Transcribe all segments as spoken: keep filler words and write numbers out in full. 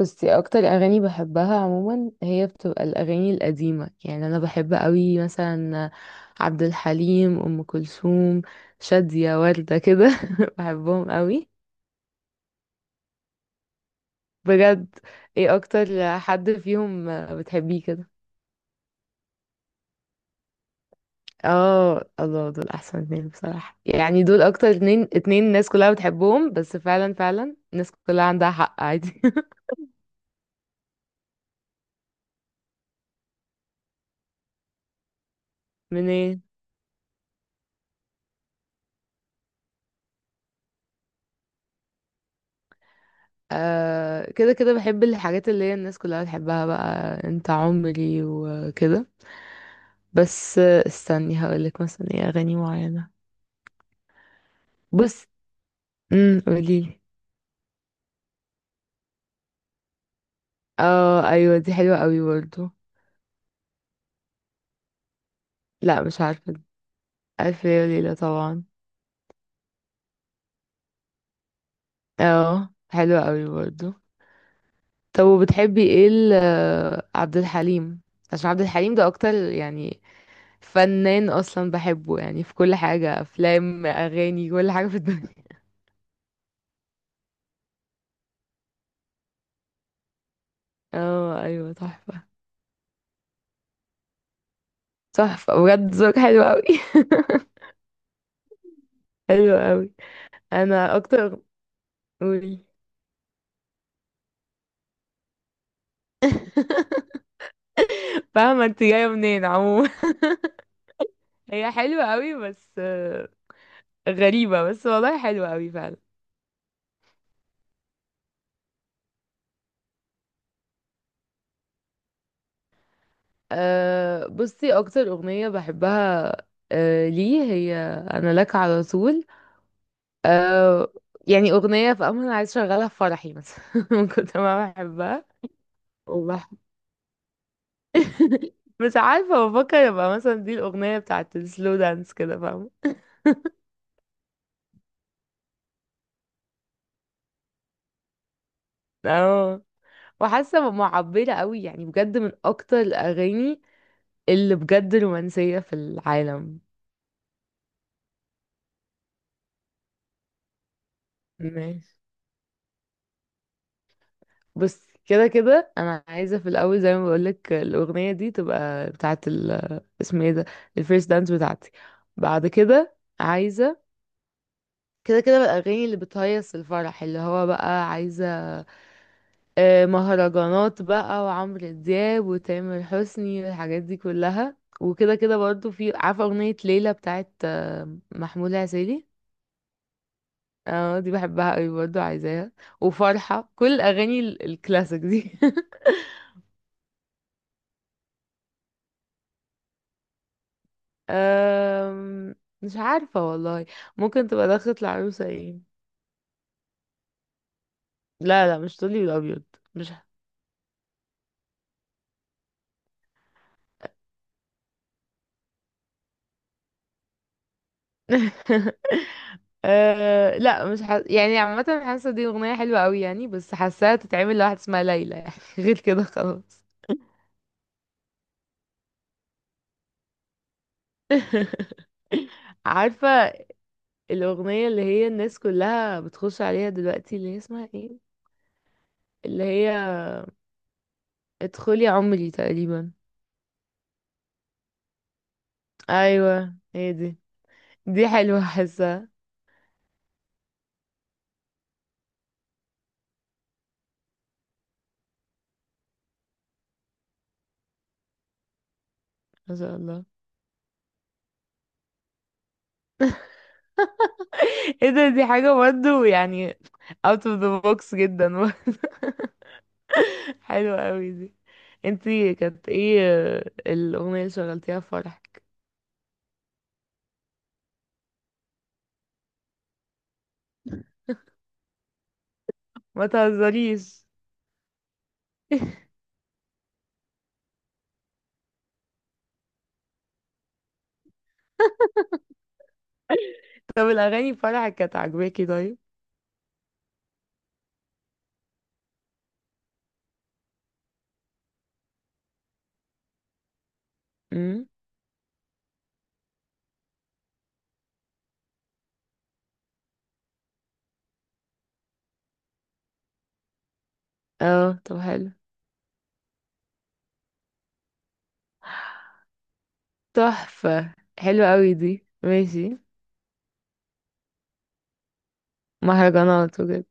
بصي، اكتر اغاني بحبها عموما هي بتبقى الاغاني القديمه. يعني انا بحب قوي مثلا عبد الحليم، ام كلثوم، شاديه، ورده كده. بحبهم قوي. بجد. ايه اكتر حد فيهم بتحبيه كده؟ اه، الله، دول احسن اتنين بصراحه. يعني دول اكتر اتنين اتنين الناس كلها بتحبهم، بس فعلا فعلا الناس كلها عندها حق عادي. منين؟ آه، كده كده بحب الحاجات اللي هي الناس كلها بتحبها بقى. انت عمري وكده. بس آه، استني هقولك مثلا ايه اغاني معينة. بص. امم قوليلي. اه ايوه دي حلوة قوي برضو. لا مش عارفة دي. الف ليلة وليلة طبعا. اه حلوة قوي برضو. طب وبتحبي ايه ال- آه، عبد الحليم؟ عشان عبد الحليم ده اكتر يعني فنان اصلا بحبه، يعني في كل حاجة، افلام، اغاني، كل حاجة في الدنيا. اه ايوه تحفة. تحفة بجد، ذوقك حلو قوي. حلو قوي. انا اكتر. قولي. فاهمة انت جاية منين عموما. هي حلوة قوي بس آه، غريبة، بس والله حلوة قوي فعلا. أه بصي اكتر اغنية بحبها، أه ليه هي، انا لك على طول. أه يعني اغنية في امل، عايز اشغلها في فرحي مثلا من كنت ما بحبها. والله مش عارفة، بفكر ابقى مثلا دي الاغنية بتاعت السلو دانس، كده فاهمة. اه، وحاسه معبره قوي، يعني بجد من اكتر الاغاني اللي بجد رومانسيه في العالم. ماشي، بس كده كده انا عايزه في الاول، زي ما بقولك، الاغنيه دي تبقى بتاعه ال اسمه ايه ده، الفيرست دانس بتاعتي. بعد كده عايزه كده كده بقى الاغاني اللي بتهيص الفرح، اللي هو بقى عايزه آه، مهرجانات بقى، وعمرو دياب، وتامر حسني، والحاجات دي كلها. وكده كده برضو في، عارفه، اغنيه ليلى بتاعه آه، محمود العسيلي. اه دي بحبها قوي برضه، عايزاها. وفرحة كل الأغاني ال- الكلاسيك دي. أم... مش عارفة والله. ممكن تبقى دخلت العروسة ايه. لا لا مش طولي الأبيض. مش ه- أه... لا مش ح... يعني عامة حاسة دي أغنية حلوة قوي، يعني بس حاساها تتعمل لواحد اسمها ليلى، يعني غير كده خلاص. عارفة الأغنية اللي هي الناس كلها بتخش عليها دلوقتي، اللي هي اسمها ايه، اللي هي ادخلي عمري تقريبا؟ ايوه هي دي. دي حلوة، حاسة. ما شاء الله. ايه ده، دي حاجة برضه يعني out of the box جدا. حلوة قوي دي. انتي كانت ايه الأغنية اللي شغلتيها في فرح؟ ما تهزريش. طب الأغاني في فرحك كانت عاجباكي طيب؟ امم. اه طب حلو. تحفة. حلوة قوي دي، ماشي. مهرجانات بجد.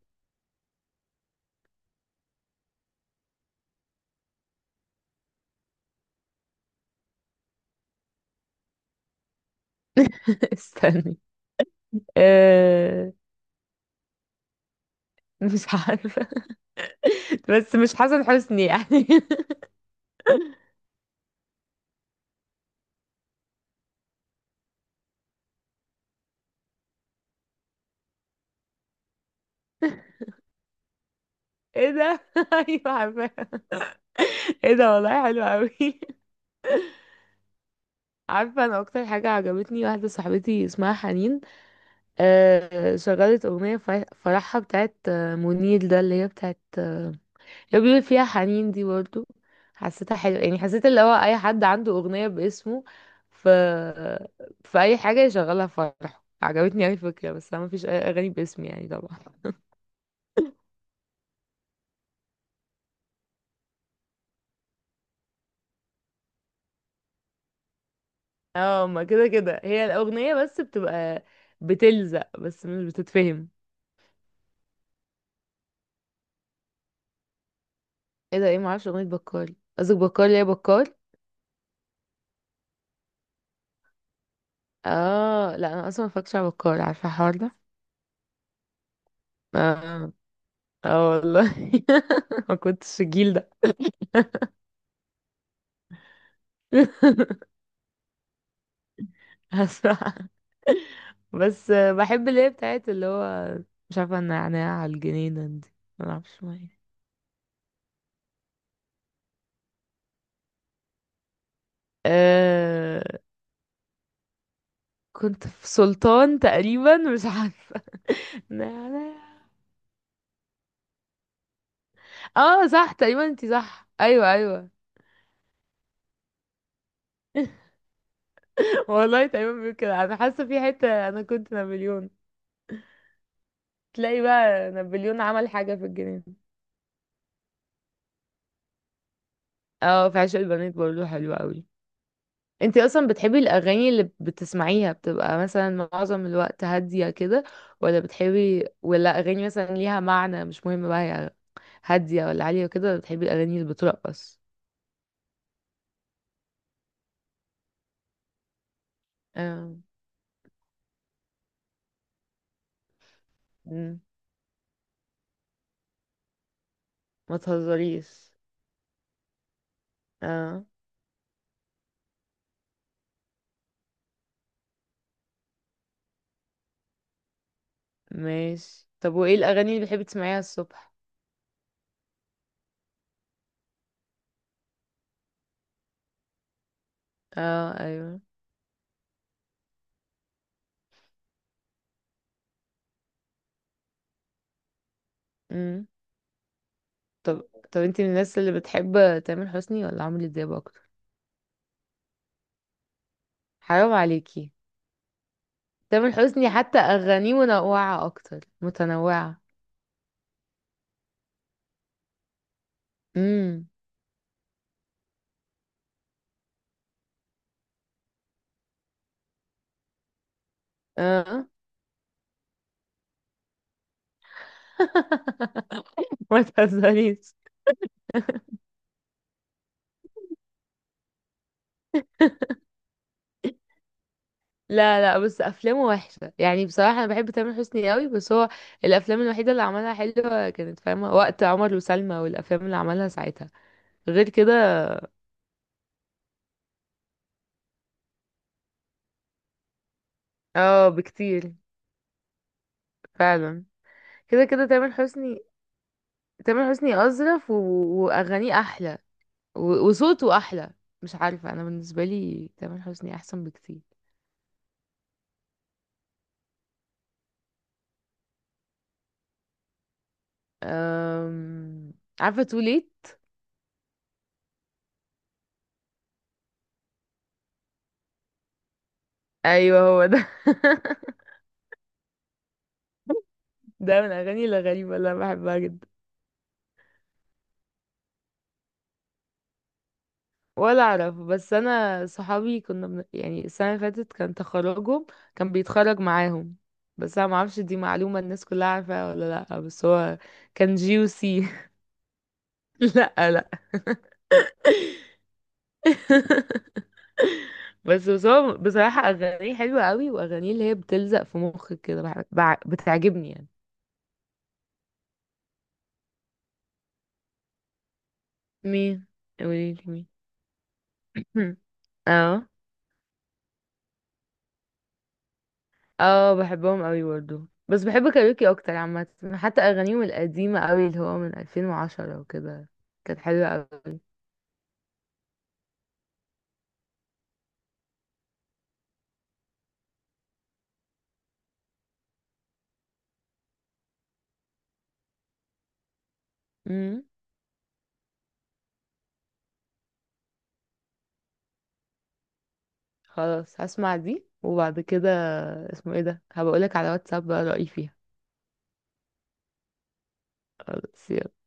استني. أه... مش عارفة. بس مش حسن حسني يعني. ايه ده، ايوه عارفاها. ايه ده والله حلو قوي. عارفه، انا اكتر حاجه عجبتني واحده صاحبتي اسمها حنين. آه شغلت اغنيه فرح- فرحها بتاعت آه، منير ده، اللي هي بتاعت آه، اللي بيقول فيها حنين دي برضه. حسيتها حلوه، يعني حسيت اللي هو اي حد عنده اغنيه باسمه، ف في اي حاجه يشغلها في فرحه، عجبتني اوي الفكره. بس انا مفيش اي اغاني باسمي يعني طبعا. اه، ما كده كده هي الاغنيه بس بتبقى بتلزق بس مش بتتفهم. ايه ده؟ ايه؟ معرفش اغنية بكال، قصدك بكال، اللي هي بكال؟ اه لا، انا اصلا ما اتفرجتش على بكال، عارفة الحوار ده. اه. اه والله. ما كنتش الجيل ده. هسمع. بس آه، بحب اللي هي بتاعت اللي هو، مش عارفة، النعناع على الجنينة دي. ما اعرفش، ما هي آه كنت في سلطان تقريبا، مش عارفة. نعناع. اه صح تقريبا انتي صح، ايوه ايوه. والله تقريبا بيقول كده، انا حاسة في حتة انا كنت نابليون. تلاقي بقى نابليون عمل حاجة في الجنينة. اه في عشق البنات برضه حلو قوي. انتي اصلا بتحبي الاغاني اللي بتسمعيها بتبقى مثلا معظم الوقت هادية كده، ولا بتحبي، ولا اغاني مثلا ليها معنى، مش مهم بقى هي هادية ولا عالية وكده، ولا بتحبي الاغاني اللي بترقص؟ اه. مم. ما تهزريش. اه ماشي. طب وايه الاغاني اللي بتحبي تسمعيها الصبح؟ اه ايوه. مم. طب. طب انتي من الناس اللي بتحب تامر حسني ولا عمرو دياب اكتر؟ حرام عليكي. تامر حسني حتى اغانيه منوعه اكتر، متنوعه. امم. اه. ما تهزريش. لا لا، بس افلامه وحشه، يعني بصراحه انا بحب تامر حسني قوي بس هو الافلام الوحيده اللي عملها حلوه كانت، فاهمه، وقت عمر وسلمى والافلام اللي عملها ساعتها، غير كده. اه بكتير فعلا. كده كده تامر حسني. تامر حسني اظرف، و... واغانيه احلى، و... وصوته احلى. مش عارفه، انا بالنسبه لي تامر حسني احسن بكتير. أم... عارفة too late؟ ايوه هو ده. ده من الاغاني الغريبة اللي انا بحبها جدا. ولا اعرف، بس انا صحابي كنا من... يعني السنة اللي فاتت كان تخرجهم، كان بيتخرج معاهم. بس انا معرفش دي معلومة الناس كلها عارفاها ولا لا، بس هو كان جيوسي. لا لا. بس بس هو بصراحة اغانيه حلوة قوي، واغانيه اللي هي بتلزق في مخك كده بح- بع- بتعجبني يعني. مين؟ قوليلي مين. اه. اه بحبهم قوي برضه، بس بحب كاريوكي اكتر عامة. حتى اغانيهم القديمة قوي اللي هو من ألفين وعشرة وكده كانت حلوة قوي. امم، خلاص هسمع دي وبعد كده، اسمه ايه ده، هبقولك على واتساب بقى رأيي فيها. خلاص، يلا.